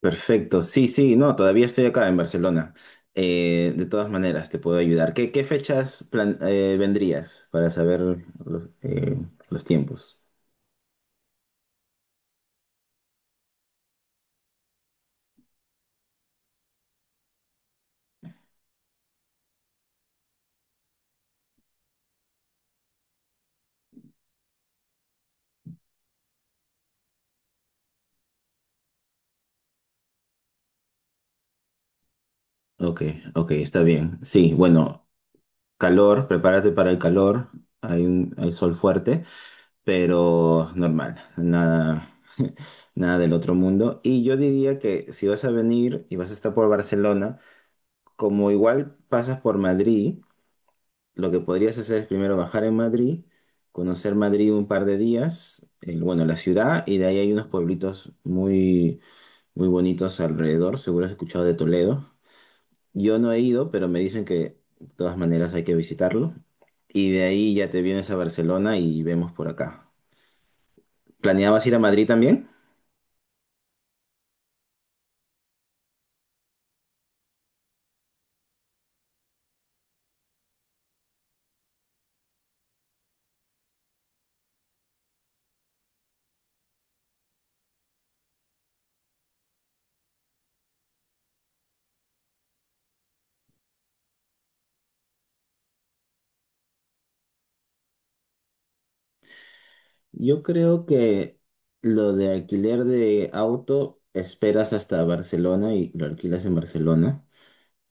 Perfecto, sí, sí, no, todavía estoy acá en Barcelona. De todas maneras, te puedo ayudar. ¿Qué fechas vendrías para saber los tiempos? Ok, ok, está bien. Sí, bueno, calor, prepárate para el calor. Hay sol fuerte, pero normal, nada, nada del otro mundo. Y yo diría que si vas a venir y vas a estar por Barcelona, como igual pasas por Madrid, lo que podrías hacer es primero bajar en Madrid, conocer Madrid un par de días, bueno, la ciudad, y de ahí hay unos pueblitos muy, muy bonitos alrededor. Seguro has escuchado de Toledo. Yo no he ido, pero me dicen que de todas maneras hay que visitarlo. Y de ahí ya te vienes a Barcelona y vemos por acá. ¿Planeabas ir a Madrid también? Yo creo que lo de alquiler de auto esperas hasta Barcelona y lo alquilas en Barcelona.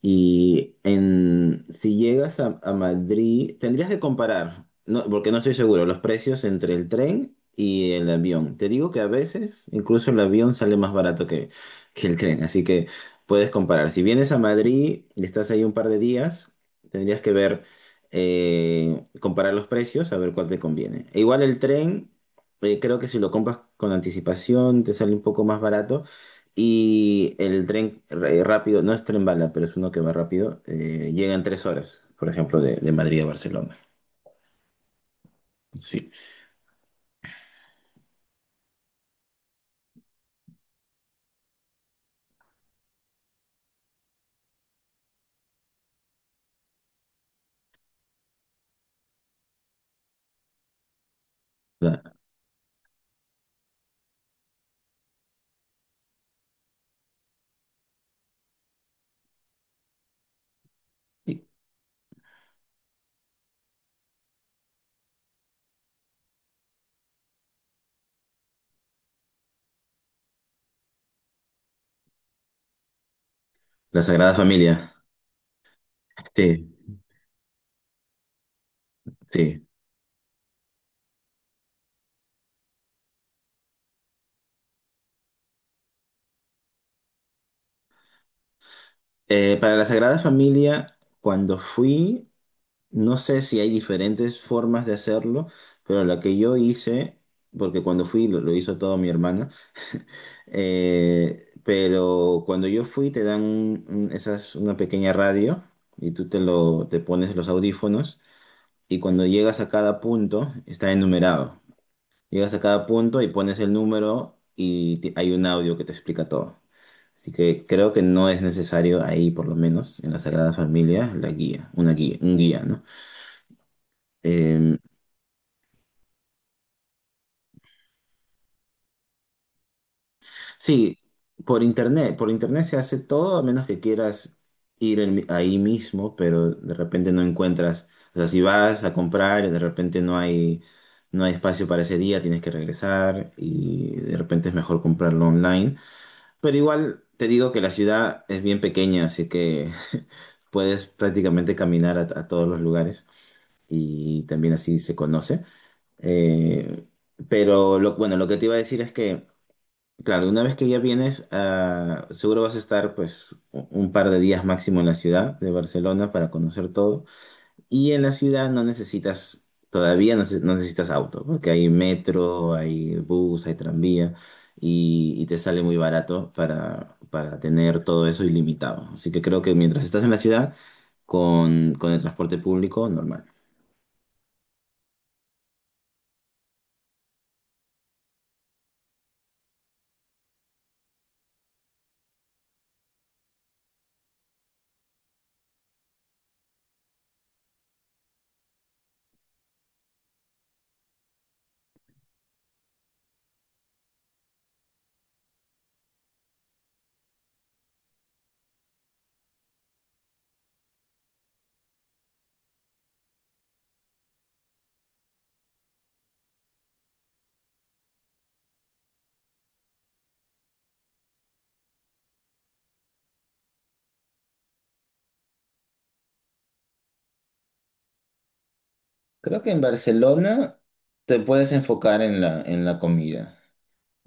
Si llegas a Madrid, tendrías que comparar, no, porque no estoy seguro, los precios entre el tren y el avión. Te digo que a veces incluso el avión sale más barato que el tren, así que puedes comparar. Si vienes a Madrid y estás ahí un par de días, tendrías que ver, comparar los precios, a ver cuál te conviene. E igual el tren, creo que si lo compras con anticipación, te sale un poco más barato. Y el tren rápido, no es tren bala, pero es uno que va rápido, llega en tres horas, por ejemplo, de Madrid a Barcelona. Sí. La, y- la Sagrada Familia. Sí, sí. Para la Sagrada Familia, cuando fui, no sé si hay diferentes formas de hacerlo, pero la que yo hice, porque cuando fui lo hizo todo mi hermana. Eh, pero cuando yo fui te dan esas, una pequeña radio y te pones los audífonos y cuando llegas a cada punto está enumerado. Llegas a cada punto y pones el número y hay un audio que te explica todo. Así que creo que no es necesario ahí, por lo menos en la Sagrada Familia, la guía, una guía, un guía, ¿no? Em, Sí, por internet se hace todo a menos que quieras ir ahí mismo, pero de repente no encuentras, o sea, si vas a comprar y de repente no hay, no hay espacio para ese día, tienes que regresar y de repente es mejor comprarlo online. Pero igual te digo que la ciudad es bien pequeña, así que puedes prácticamente caminar a todos los lugares y también así se conoce. Eh, pero bueno, lo que te iba a decir es que... Claro, una vez que ya vienes, ah, seguro vas a estar pues un par de días máximo en la ciudad de Barcelona para conocer todo. Y en la ciudad no necesitas, todavía no, no necesitas auto, porque hay metro, hay bus, hay tranvía y te sale muy barato para tener todo eso ilimitado. Así que creo que mientras estás en la ciudad, con el transporte público, normal. Creo que en Barcelona te puedes enfocar en en la comida.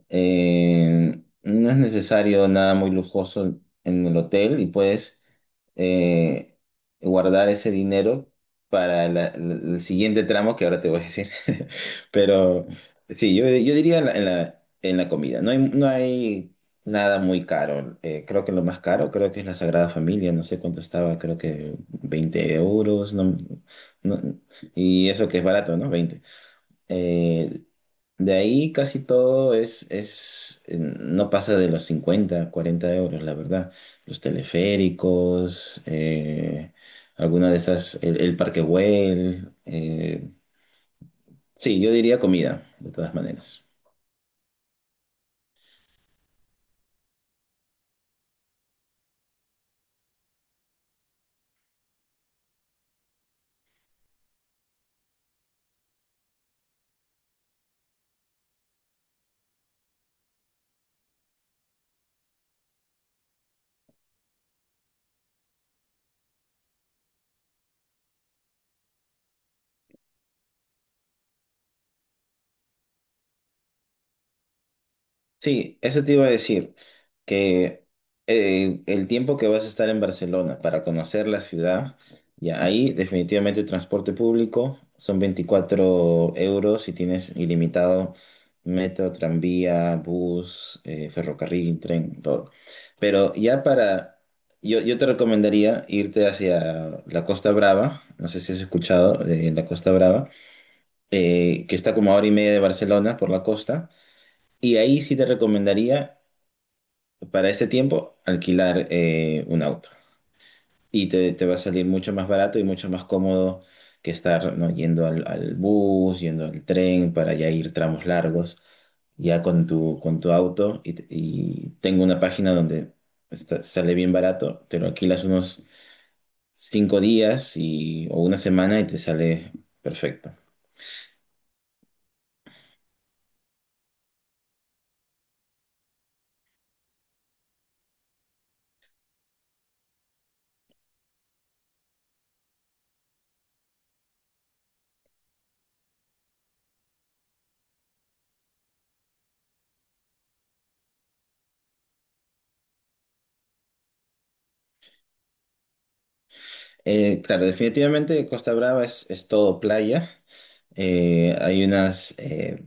No es necesario nada muy lujoso en el hotel y puedes eh, guardar ese dinero para el siguiente tramo que ahora te voy a decir. Pero sí, yo diría en en la comida. No hay, no hay nada muy caro. Creo que lo más caro creo que es la Sagrada Familia. No sé cuánto estaba, creo que 20 euros. No- y eso que es barato, ¿no? Veinte, eh, de ahí casi todo es, no pasa de los 50 40 euros, la verdad. Los teleféricos, alguna de esas, el Parque Güell, sí, yo diría comida, de todas maneras. Sí, eso te iba a decir, que el tiempo que vas a estar en Barcelona para conocer la ciudad, ya ahí definitivamente transporte público son 24 euros y tienes ilimitado metro, tranvía, bus, ferrocarril, tren, todo. Pero ya para, yo te recomendaría irte hacia la Costa Brava, no sé si has escuchado de la Costa Brava, que está como a hora y media de Barcelona por la costa. Y ahí sí te recomendaría para este tiempo, alquilar un auto. Y te va a salir mucho más barato y mucho más cómodo que estar, ¿no? yendo al bus, yendo al tren para ya ir tramos largos, ya con tu auto. Y tengo una página donde sale bien barato, te lo alquilas unos cinco días y, o una semana y te sale perfecto. Claro, definitivamente Costa Brava es todo playa. Hay unas,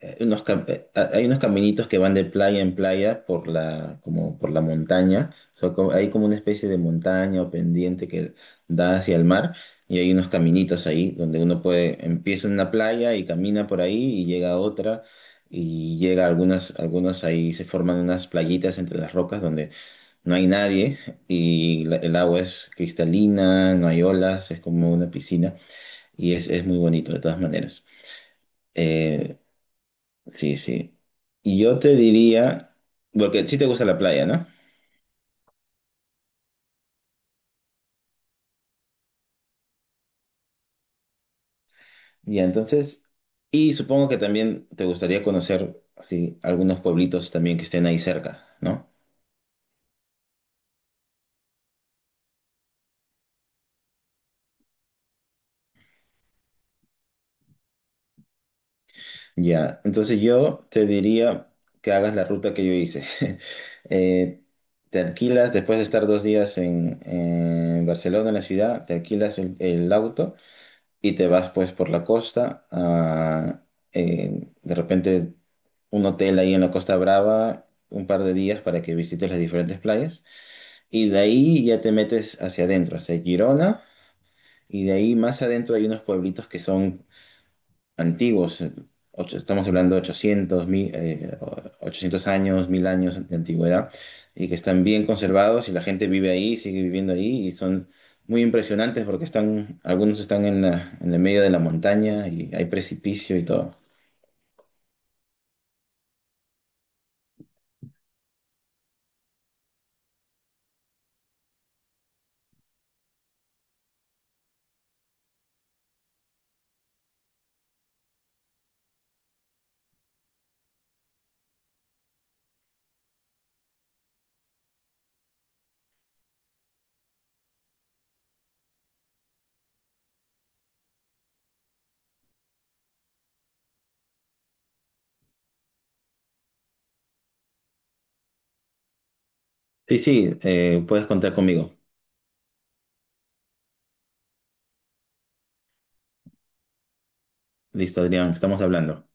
unos cam- ha- Hay unos caminitos que van de playa en playa por como por la montaña. O sea, hay como una especie de montaña o pendiente que da hacia el mar. Y hay unos caminitos ahí donde uno puede, empieza en una playa y camina por ahí y llega a otra. Y llega a algunas, algunos ahí se forman unas playitas entre las rocas donde no hay nadie y el agua es cristalina, no hay olas, es como una piscina y es muy bonito de todas maneras. Eh, Sí, sí. Y yo te diría, porque sí te gusta la playa, ¿no? Y entonces, y supongo que también te gustaría conocer así, algunos pueblitos también que estén ahí cerca, ¿no? Ya, entonces yo te diría que hagas la ruta que yo hice. Eh, Te alquilas, después de estar dos días en Barcelona, en la ciudad, te alquilas el auto y te vas pues por la costa. A, de repente un hotel ahí en la Costa Brava, un par de días para que visites las diferentes playas. Y de ahí ya te metes hacia adentro, hacia Girona. Y de ahí más adentro hay unos pueblitos que son antiguos, estamos hablando de 800 años, 1000 años de antigüedad, y que están bien conservados y la gente vive ahí, sigue viviendo ahí, y son muy impresionantes porque están, algunos están en en el medio de la montaña y hay precipicio y todo. Sí, sí, puedes contar conmigo. Listo, Adrián, estamos hablando.